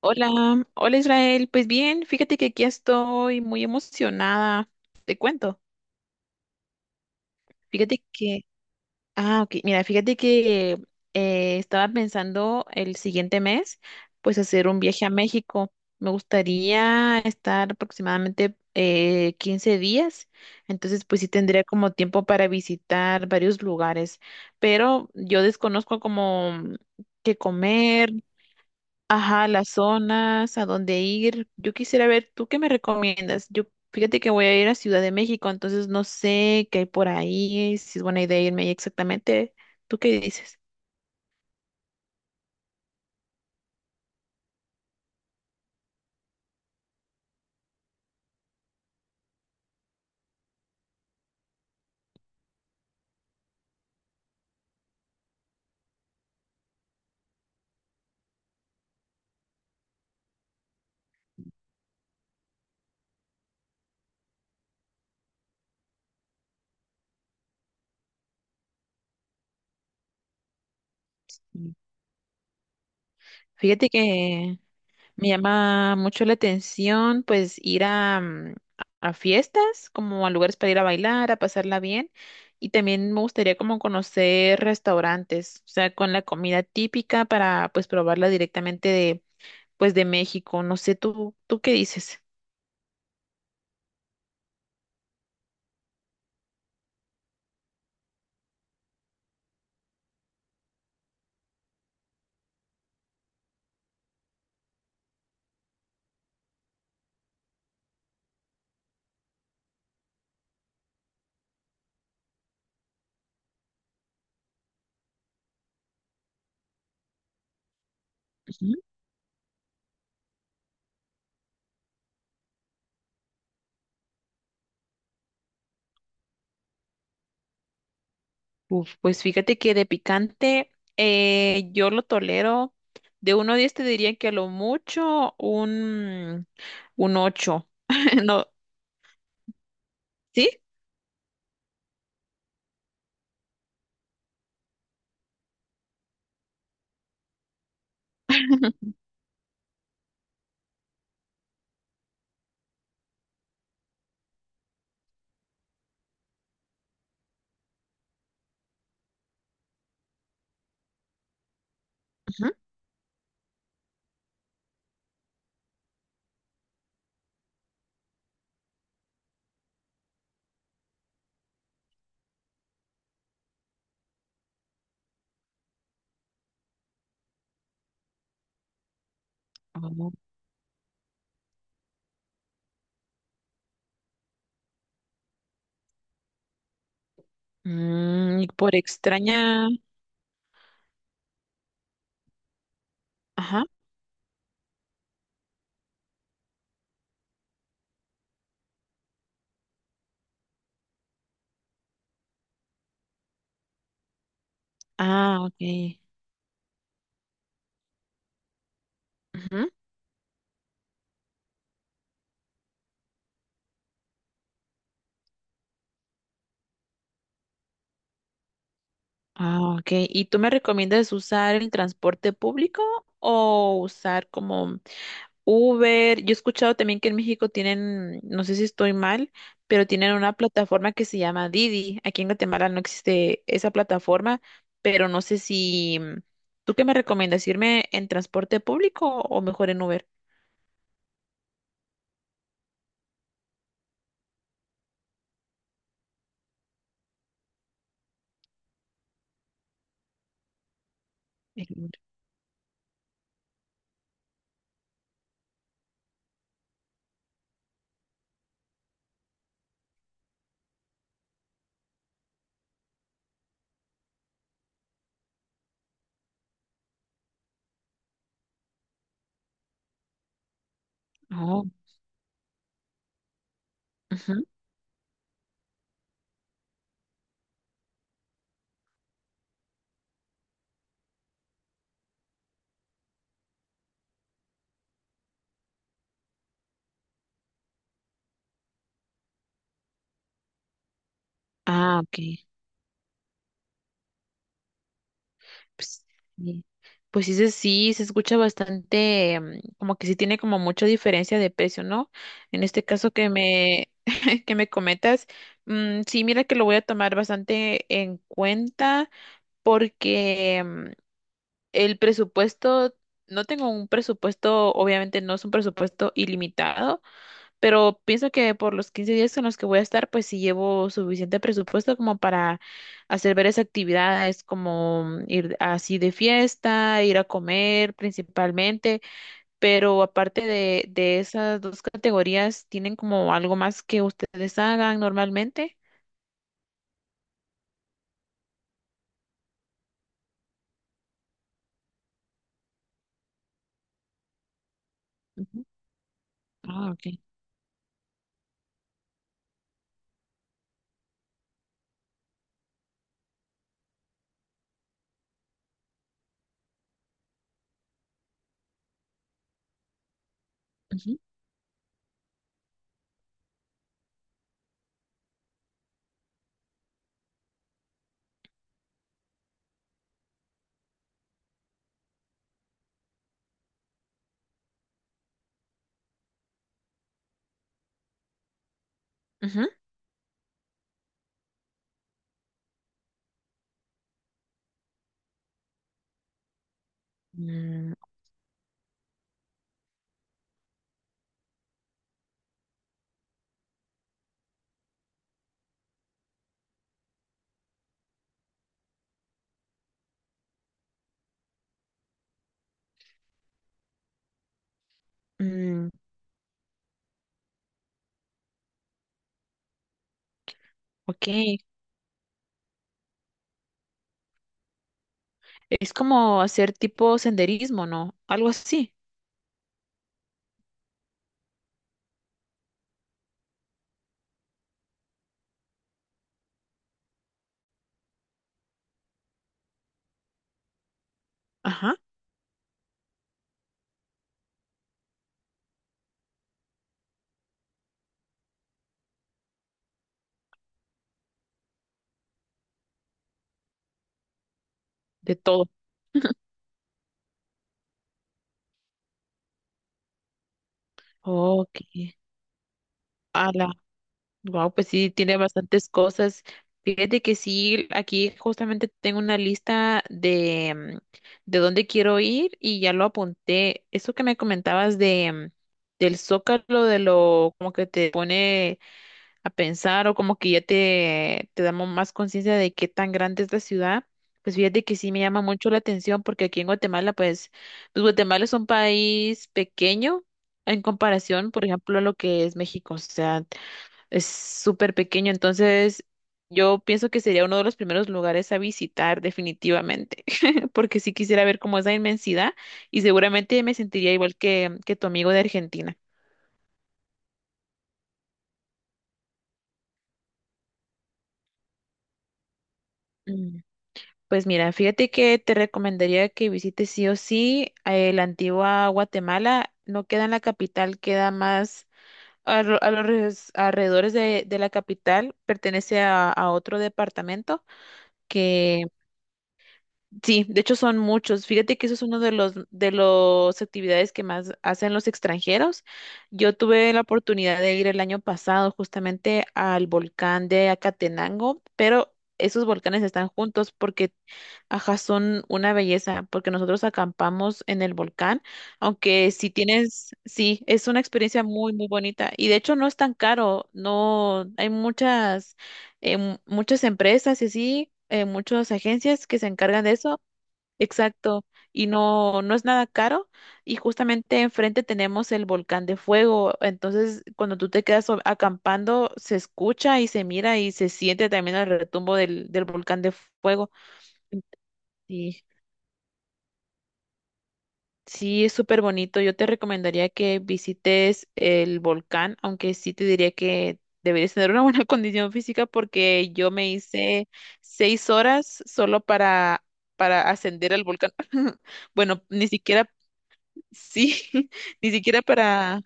Hola, hola Israel. Pues bien, fíjate que aquí estoy muy emocionada. Te cuento. Fíjate que, ah, ok, mira, fíjate que estaba pensando el siguiente mes, pues hacer un viaje a México. Me gustaría estar aproximadamente 15 días, entonces pues sí tendría como tiempo para visitar varios lugares, pero yo desconozco como qué comer. Ajá, las zonas, a dónde ir. Yo quisiera ver, ¿tú qué me recomiendas? Yo, fíjate que voy a ir a Ciudad de México, entonces no sé qué hay por ahí, si es buena idea irme ahí exactamente. ¿Tú qué dices? Mm. Fíjate que me llama mucho la atención, pues, ir a fiestas, como a lugares para ir a bailar, a pasarla bien. Y también me gustaría como conocer restaurantes, o sea, con la comida típica para, pues, probarla directamente de pues de México. No sé, ¿tú qué dices? Ujú. Uf, pues fíjate que de picante yo lo tolero. De 1 a 10 te diría que a lo mucho un ocho. No, ¿sí? Ujú. Oh. Mm, y por extraña. Ajá. Ah, ok. Ujú. Ah, ok. ¿Y tú me recomiendas usar el transporte público o usar como... Uber? Yo he escuchado también que en México tienen, no sé si estoy mal, pero tienen una plataforma que se llama Didi. Aquí en Guatemala no existe esa plataforma, pero no sé si... ¿Tú qué me recomiendas? ¿Irme en transporte público o mejor en Uber? En Uber. Oh, ujú. Ah, ok. Pues sí, pues sí, sí, se escucha bastante, como que sí tiene como mucha diferencia de precio, ¿no? En este caso que me comentas, sí, mira que lo voy a tomar bastante en cuenta porque el presupuesto, no tengo un presupuesto, obviamente no es un presupuesto ilimitado, pero pienso que por los 15 días en los que voy a estar, pues sí llevo suficiente presupuesto como para hacer varias actividades, como ir así de fiesta, ir a comer principalmente. Pero aparte de esas dos categorías, ¿tienen como algo más que ustedes hagan normalmente? Ujú. Ah, ok. Ujú, Ujú. Mm, mm, ok. Es como hacer tipo senderismo, ¿no? Algo así. Ajá. De todo. Ok. Ala. Wow, pues sí, tiene bastantes cosas. Fíjate que sí, aquí justamente tengo una lista de, de dónde quiero ir y ya lo apunté. Eso que me comentabas de, del Zócalo, de lo como que te pone a pensar o como que ya te damos más conciencia de qué tan grande es la ciudad, pues fíjate que sí me llama mucho la atención porque aquí en Guatemala, pues, pues Guatemala es un país pequeño en comparación, por ejemplo, a lo que es México, o sea, es súper pequeño, entonces yo pienso que sería uno de los primeros lugares a visitar definitivamente, porque sí quisiera ver como esa inmensidad y seguramente me sentiría igual que tu amigo de Argentina. Pues mira, fíjate que te recomendaría que visites sí o sí la antigua Guatemala. No queda en la capital, queda más a, a los alrededores de la capital. Pertenece a otro departamento. Sí, de hecho son muchos. Fíjate que eso es uno de los de las actividades que más hacen los extranjeros. Yo tuve la oportunidad de ir el año pasado justamente al volcán de Acatenango, pero esos volcanes están juntos porque, ajá, son una belleza, porque nosotros acampamos en el volcán, aunque si tienes, sí, es una experiencia muy, muy bonita. Y de hecho no es tan caro, no, hay muchas, muchas empresas y así. Muchas agencias que se encargan de eso. Exacto, y no, no es nada caro y justamente enfrente tenemos el volcán de fuego, entonces cuando tú te quedas acampando se escucha y se mira y se siente también el retumbo del volcán de fuego. Y sí, es súper bonito, yo te recomendaría que visites el volcán, aunque sí te diría que deberías tener una buena condición física porque yo me hice 6 horas solo para ascender al volcán. Bueno, ni siquiera. Sí, ni siquiera para,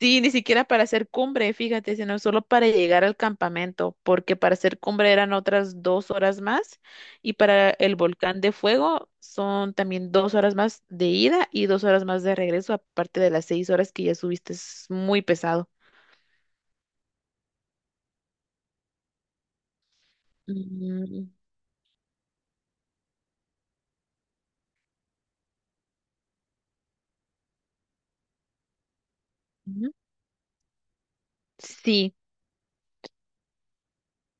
sí, ni siquiera para hacer cumbre, fíjate, sino solo para llegar al campamento, porque para hacer cumbre eran otras 2 horas más y para el volcán de fuego son también 2 horas más de ida y 2 horas más de regreso, aparte de las 6 horas que ya subiste, es muy pesado. Mm, ujú. Sí,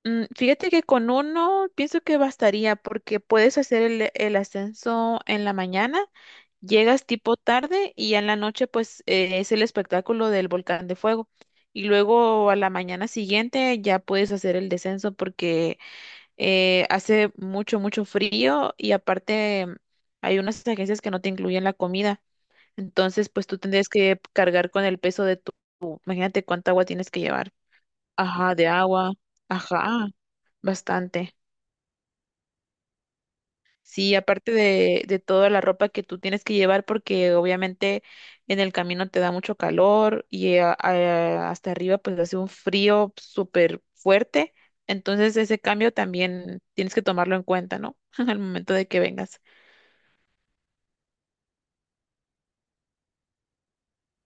Fíjate que con uno pienso que bastaría porque puedes hacer el ascenso en la mañana, llegas tipo tarde y ya en la noche pues es el espectáculo del volcán de fuego. Y luego a la mañana siguiente ya puedes hacer el descenso porque hace mucho, mucho frío y aparte hay unas agencias que no te incluyen la comida. Entonces pues tú tendrías que cargar con el peso de tu, imagínate cuánta agua tienes que llevar. Ajá, de agua. Ajá, bastante. Sí, aparte de toda la ropa que tú tienes que llevar, porque obviamente en el camino te da mucho calor y hasta arriba pues hace un frío súper fuerte. Entonces ese cambio también tienes que tomarlo en cuenta, ¿no? Al momento de que vengas.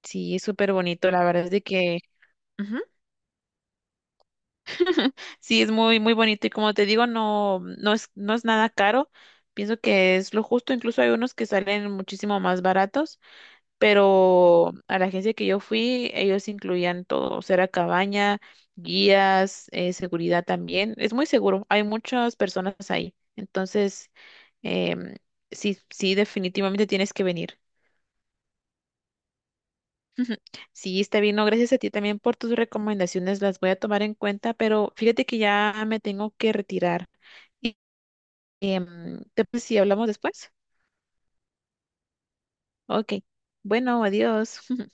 Sí, es súper bonito, la verdad es de que... Ujú. Sí, es muy, muy bonito y como te digo, no, no es nada caro. Pienso que es lo justo, incluso hay unos que salen muchísimo más baratos. Pero a la agencia que yo fui, ellos incluían todo, o sea, era cabaña, guías, seguridad también. Es muy seguro, hay muchas personas ahí. Entonces, em, sí, sí, definitivamente tienes que venir. Ujú. Sí, está bien, no, gracias a ti también por tus recomendaciones, las voy a tomar en cuenta, pero fíjate que ya me tengo que retirar. Y, em, ¿te parece si hablamos después? Ok, bueno, adiós.